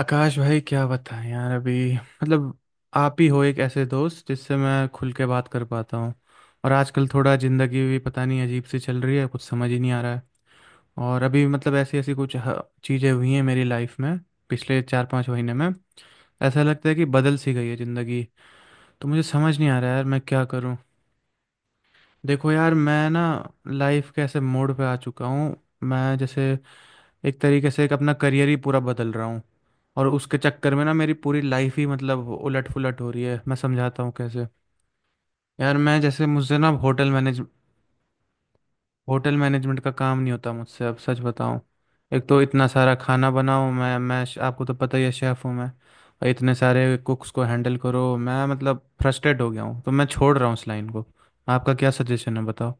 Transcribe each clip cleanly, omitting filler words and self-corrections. आकाश भाई क्या बताएं यार, अभी मतलब आप ही हो एक ऐसे दोस्त जिससे मैं खुल के बात कर पाता हूँ। और आजकल थोड़ा ज़िंदगी भी पता नहीं अजीब सी चल रही है, कुछ समझ ही नहीं आ रहा है। और अभी मतलब ऐसी ऐसी कुछ चीज़ें हुई हैं मेरी लाइफ में पिछले 4-5 महीने में, ऐसा लगता है कि बदल सी गई है ज़िंदगी। तो मुझे समझ नहीं आ रहा है यार, मैं क्या करूँ। देखो यार, मैं ना लाइफ के ऐसे मोड़ पे आ चुका हूँ, मैं जैसे एक तरीके से एक अपना करियर ही पूरा बदल रहा हूँ। और उसके चक्कर में ना मेरी पूरी लाइफ ही मतलब उलट पुलट हो रही है, मैं समझाता हूँ कैसे। यार मैं जैसे मुझसे ना होटल मैनेज, होटल मैनेजमेंट का काम नहीं होता मुझसे, अब सच बताऊँ। एक तो इतना सारा खाना बनाओ, मैं आपको तो पता ही है, शेफ़ हूँ मैं। और इतने सारे कुक्स को हैंडल करो, मैं मतलब फ्रस्ट्रेट हो गया हूँ, तो मैं छोड़ रहा हूँ इस लाइन को। आपका क्या सजेशन है, बताओ।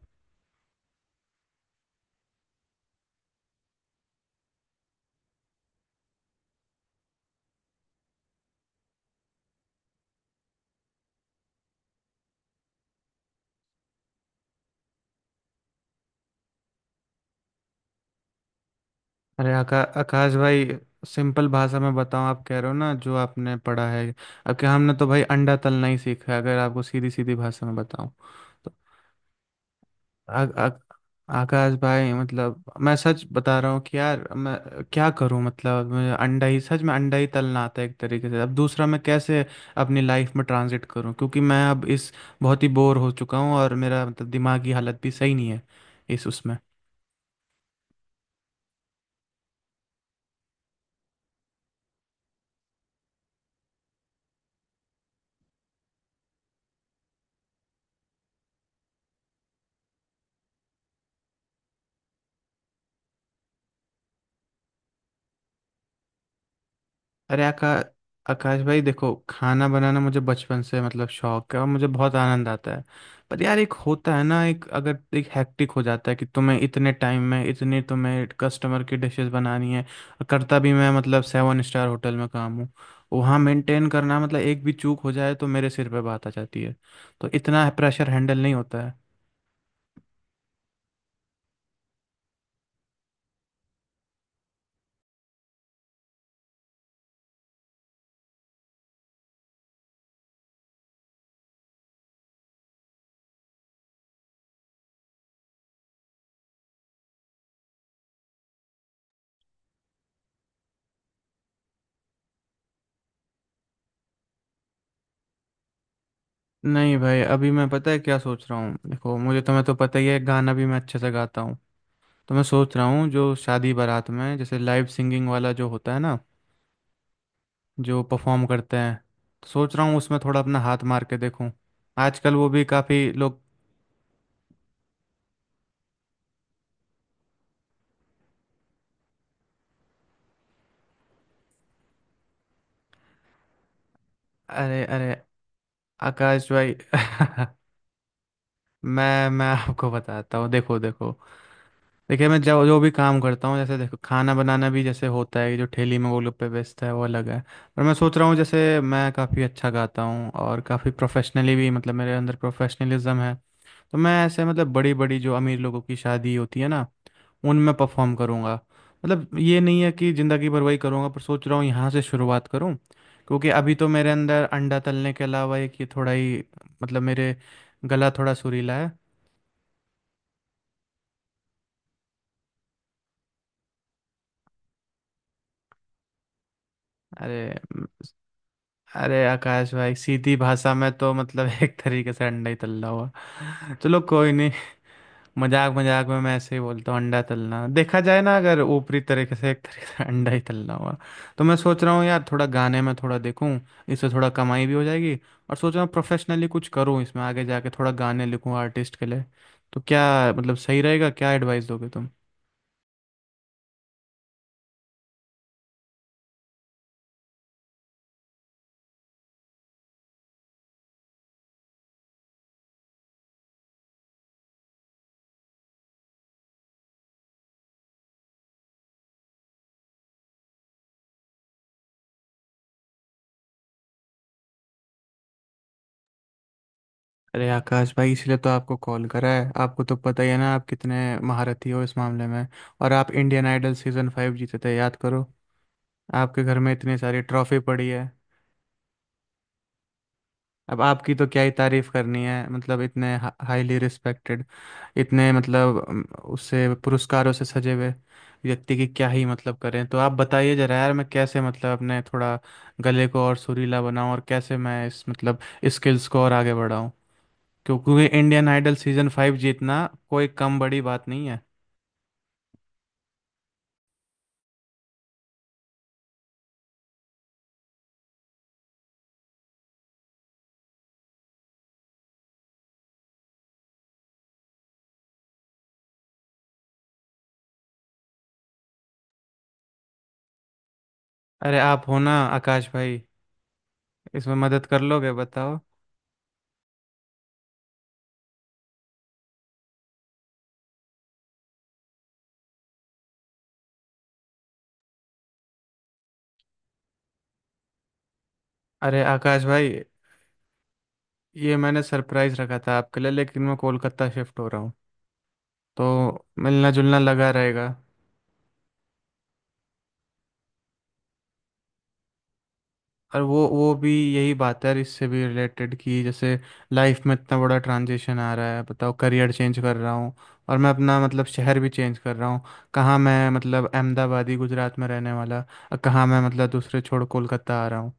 अरे आकाश भाई, सिंपल भाषा में बताऊं, आप कह रहे हो ना जो आपने पढ़ा है। अब क्या, हमने तो भाई अंडा तलना ही सीखा है, अगर आपको सीधी सीधी भाषा में बताऊं। तो आ, आ, आकाश भाई, मतलब मैं सच बता रहा हूँ कि यार मैं क्या करूं, मतलब मुझे अंडा ही, सच में अंडा ही तलना आता है एक तरीके से। अब दूसरा मैं कैसे अपनी लाइफ में ट्रांजिट करूं, क्योंकि मैं अब इस बहुत ही बोर हो चुका हूं, और मेरा मतलब दिमागी हालत भी सही नहीं है इस उसमें। अरे आकाश भाई, देखो खाना बनाना मुझे बचपन से मतलब शौक है, और मुझे बहुत आनंद आता है। पर यार एक होता है ना, एक अगर एक हैक्टिक हो जाता है कि तुम्हें इतने टाइम में इतने तुम्हें कस्टमर की डिशेस बनानी है। और करता भी मैं मतलब 7 स्टार होटल में काम हूँ, वहाँ मेंटेन करना मतलब एक भी चूक हो जाए तो मेरे सिर पे बात आ जाती है। तो इतना प्रेशर हैंडल नहीं होता है। नहीं भाई, अभी मैं पता है क्या सोच रहा हूँ, देखो मुझे, तुम्हें तो पता ही है गाना भी मैं अच्छे से गाता हूँ। तो मैं सोच रहा हूँ जो शादी बारात में जैसे लाइव सिंगिंग वाला जो होता है ना, जो परफॉर्म करते हैं, तो सोच रहा हूँ उसमें थोड़ा अपना हाथ मार के देखूँ। आजकल वो भी काफ़ी लोग। अरे अरे आकाश भाई मैं आपको बताता हूँ, देखो देखो। देखिए मैं जो जो भी काम करता हूँ, जैसे देखो खाना बनाना भी जैसे होता है जो ठेली में वो लोग पे बेचता है वो अलग है। पर मैं सोच रहा हूँ जैसे मैं काफ़ी अच्छा गाता हूँ, और काफ़ी प्रोफेशनली भी, मतलब मेरे अंदर प्रोफेशनलिज्म है। तो मैं ऐसे मतलब बड़ी बड़ी जो अमीर लोगों की शादी होती है ना, उनमें परफॉर्म करूँगा। मतलब ये नहीं है कि ज़िंदगी भर वही करूँगा, पर सोच रहा हूँ यहाँ से शुरुआत करूँ। क्योंकि अभी तो मेरे अंदर अंडा तलने के अलावा एक ये थोड़ा ही, मतलब मेरे गला थोड़ा सुरीला है। अरे अरे आकाश भाई, सीधी भाषा में तो मतलब एक तरीके से अंडा ही तल्ला हुआ। चलो कोई, मजाक मजाक में मैं ऐसे ही बोलता हूँ, अंडा तलना देखा जाए ना अगर ऊपरी तरीके से, एक तरीके से अंडा ही तलना हुआ। तो मैं सोच रहा हूँ यार थोड़ा गाने में थोड़ा देखूँ, इससे थोड़ा कमाई भी हो जाएगी। और सोच रहा हूँ प्रोफेशनली कुछ करूँ, इसमें आगे जाके थोड़ा गाने लिखूँ आर्टिस्ट के लिए। तो क्या, मतलब सही रहेगा क्या, एडवाइस दोगे तुम। अरे आकाश भाई, इसलिए तो आपको कॉल करा है। आपको तो पता ही है ना, आप कितने महारथी हो इस मामले में। और आप इंडियन आइडल सीजन 5 जीते थे, याद करो, आपके घर में इतनी सारी ट्रॉफी पड़ी है। अब आपकी तो क्या ही तारीफ करनी है, मतलब इतने हाईली रिस्पेक्टेड, इतने मतलब उससे पुरस्कारों से सजे हुए व्यक्ति की क्या ही मतलब करें। तो आप बताइए जरा यार, मैं कैसे मतलब अपने थोड़ा गले को और सुरीला बनाऊं, और कैसे मैं इस मतलब स्किल्स को और आगे बढ़ाऊं। क्योंकि इंडियन आइडल सीजन फाइव जीतना कोई कम बड़ी बात नहीं है। अरे आप हो ना आकाश भाई, इसमें मदद कर लोगे, बताओ। अरे आकाश भाई, ये मैंने सरप्राइज रखा था आपके लिए, लेकिन मैं कोलकाता शिफ्ट हो रहा हूँ, तो मिलना जुलना लगा रहेगा। और वो भी यही बात है यार, इससे भी रिलेटेड, कि जैसे लाइफ में इतना बड़ा ट्रांजिशन आ रहा है, बताओ करियर चेंज कर रहा हूँ, और मैं अपना मतलब शहर भी चेंज कर रहा हूँ। कहाँ मैं मतलब अहमदाबादी, गुजरात में रहने वाला, और कहाँ मैं मतलब दूसरे छोड़ कोलकाता आ रहा हूँ।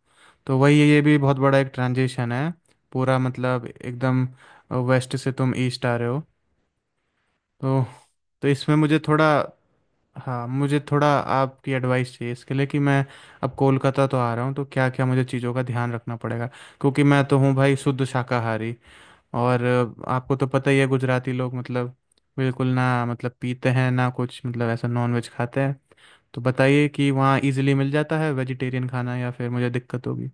तो वही है, ये भी बहुत बड़ा एक ट्रांजिशन है, पूरा मतलब एकदम वेस्ट से तुम ईस्ट आ रहे हो। तो तो इसमें मुझे थोड़ा, हाँ मुझे थोड़ा आपकी एडवाइस चाहिए इसके लिए कि मैं अब कोलकाता तो आ रहा हूँ, तो क्या क्या मुझे चीज़ों का ध्यान रखना पड़ेगा। क्योंकि मैं तो हूँ भाई शुद्ध शाकाहारी, और आपको तो पता ही है गुजराती लोग मतलब बिल्कुल ना मतलब पीते हैं ना कुछ, मतलब ऐसा नॉन वेज खाते हैं। तो बताइए कि वहाँ इजीली मिल जाता है वेजिटेरियन खाना, या फिर मुझे दिक्कत होगी।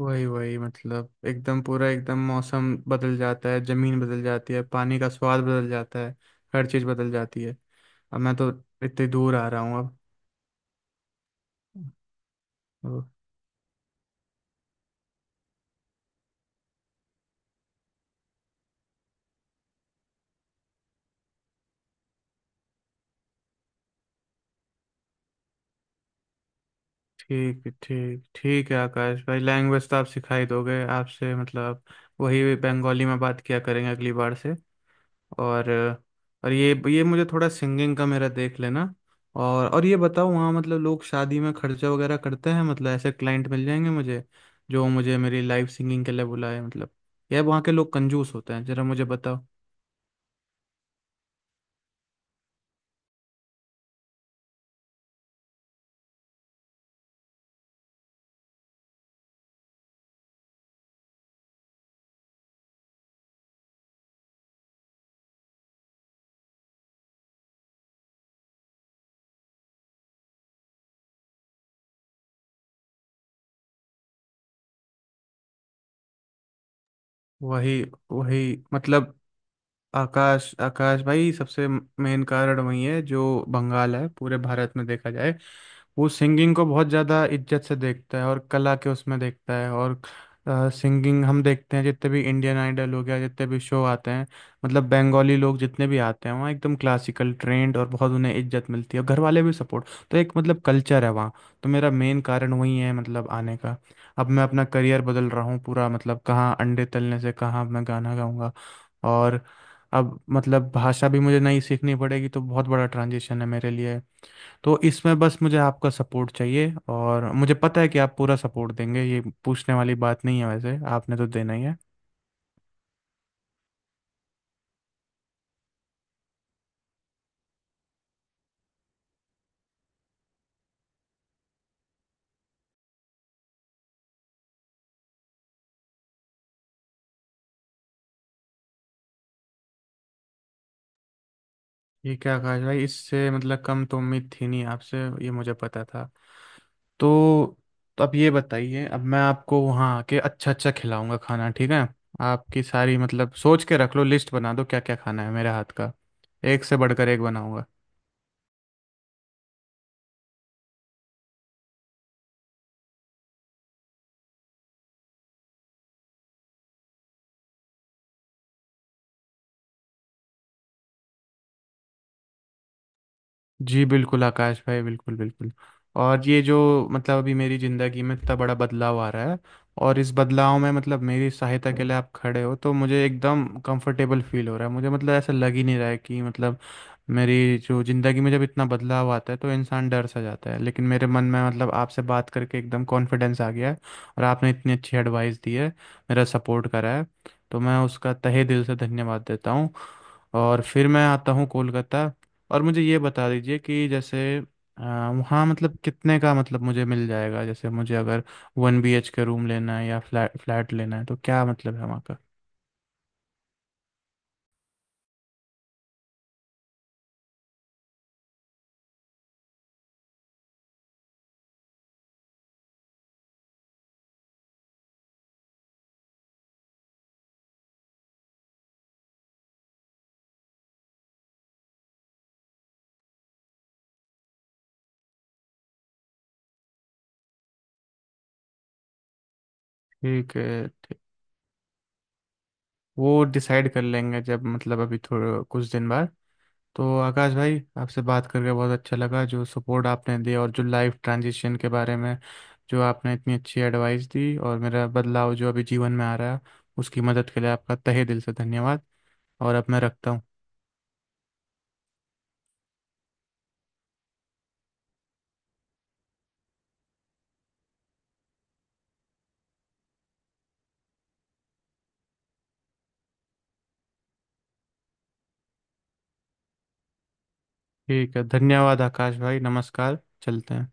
वही वही मतलब एकदम पूरा, एकदम मौसम बदल जाता है, ज़मीन बदल जाती है, पानी का स्वाद बदल जाता है, हर चीज़ बदल जाती है। अब मैं तो इतनी दूर आ रहा हूँ अब। ओ, ठीक ठीक ठीक है आकाश भाई, लैंग्वेज तो आप सिखा ही दोगे, आपसे मतलब वही बंगाली में बात किया करेंगे अगली बार से। और और ये मुझे थोड़ा सिंगिंग का मेरा देख लेना। और ये बताओ वहाँ मतलब लोग शादी में खर्चा वगैरह करते हैं, मतलब ऐसे क्लाइंट मिल जाएंगे मुझे जो मुझे मेरी लाइव सिंगिंग के लिए बुलाए। मतलब यह वहाँ के लोग कंजूस होते हैं, जरा मुझे बताओ। वही वही मतलब आकाश आकाश भाई, सबसे मेन कारण वही है जो बंगाल है, पूरे भारत में देखा जाए, वो सिंगिंग को बहुत ज़्यादा इज्जत से देखता है, और कला के उसमें देखता है। और सिंगिंग हम देखते हैं जितने भी इंडियन आइडल हो गया, जितने भी शो आते हैं, मतलब बंगाली लोग जितने भी आते हैं वहाँ एकदम क्लासिकल ट्रेंड, और बहुत उन्हें इज्जत मिलती है, और घर वाले भी सपोर्ट। तो एक मतलब कल्चर है वहाँ, तो मेरा मेन कारण वही है मतलब आने का। अब मैं अपना करियर बदल रहा हूँ पूरा, मतलब कहाँ अंडे तलने से कहाँ मैं गाना गाऊंगा। और अब मतलब भाषा भी मुझे नई सीखनी पड़ेगी, तो बहुत बड़ा ट्रांजिशन है मेरे लिए। तो इसमें बस मुझे आपका सपोर्ट चाहिए, और मुझे पता है कि आप पूरा सपोर्ट देंगे, ये पूछने वाली बात नहीं है, वैसे आपने तो देना ही है। ये क्या आकाश भाई, इससे मतलब कम तो उम्मीद थी नहीं आपसे, ये मुझे पता था। तो, तो अब ये बताइए, अब मैं आपको वहाँ आके अच्छा अच्छा खिलाऊंगा खाना, ठीक है। आपकी सारी मतलब सोच के रख लो, लिस्ट बना दो क्या क्या खाना है मेरे हाथ का, एक से बढ़कर एक बनाऊंगा। जी बिल्कुल आकाश भाई, बिल्कुल बिल्कुल। और ये जो मतलब अभी मेरी ज़िंदगी में इतना बड़ा बदलाव आ रहा है, और इस बदलाव में मतलब मेरी सहायता के लिए आप खड़े हो, तो मुझे एकदम कंफर्टेबल फील हो रहा है। मुझे मतलब ऐसा लग ही नहीं रहा है कि मतलब मेरी जो ज़िंदगी में, जब इतना बदलाव आता है तो इंसान डर सा जाता है, लेकिन मेरे मन में मतलब आपसे बात करके एकदम कॉन्फिडेंस आ गया है। और आपने इतनी अच्छी एडवाइस दी है, मेरा सपोर्ट करा है, तो मैं उसका तहे दिल से धन्यवाद देता हूँ। और फिर मैं आता हूँ कोलकाता। और मुझे ये बता दीजिए कि जैसे अ, वहाँ मतलब कितने का मतलब मुझे मिल जाएगा, जैसे मुझे अगर 1 BHK रूम लेना है या फ्लैट फ्लैट लेना है, तो क्या मतलब है वहाँ का। ठीक है ठीक, वो डिसाइड कर लेंगे जब, मतलब अभी थोड़ा कुछ दिन बाद। तो आकाश भाई, आपसे बात करके बहुत अच्छा लगा, जो सपोर्ट आपने दिया और जो लाइफ ट्रांजिशन के बारे में जो आपने इतनी अच्छी एडवाइस दी, और मेरा बदलाव जो अभी जीवन में आ रहा है, उसकी मदद के लिए आपका तहे दिल से धन्यवाद। और अब मैं रखता हूँ। ठीक है, धन्यवाद आकाश भाई, नमस्कार, चलते हैं।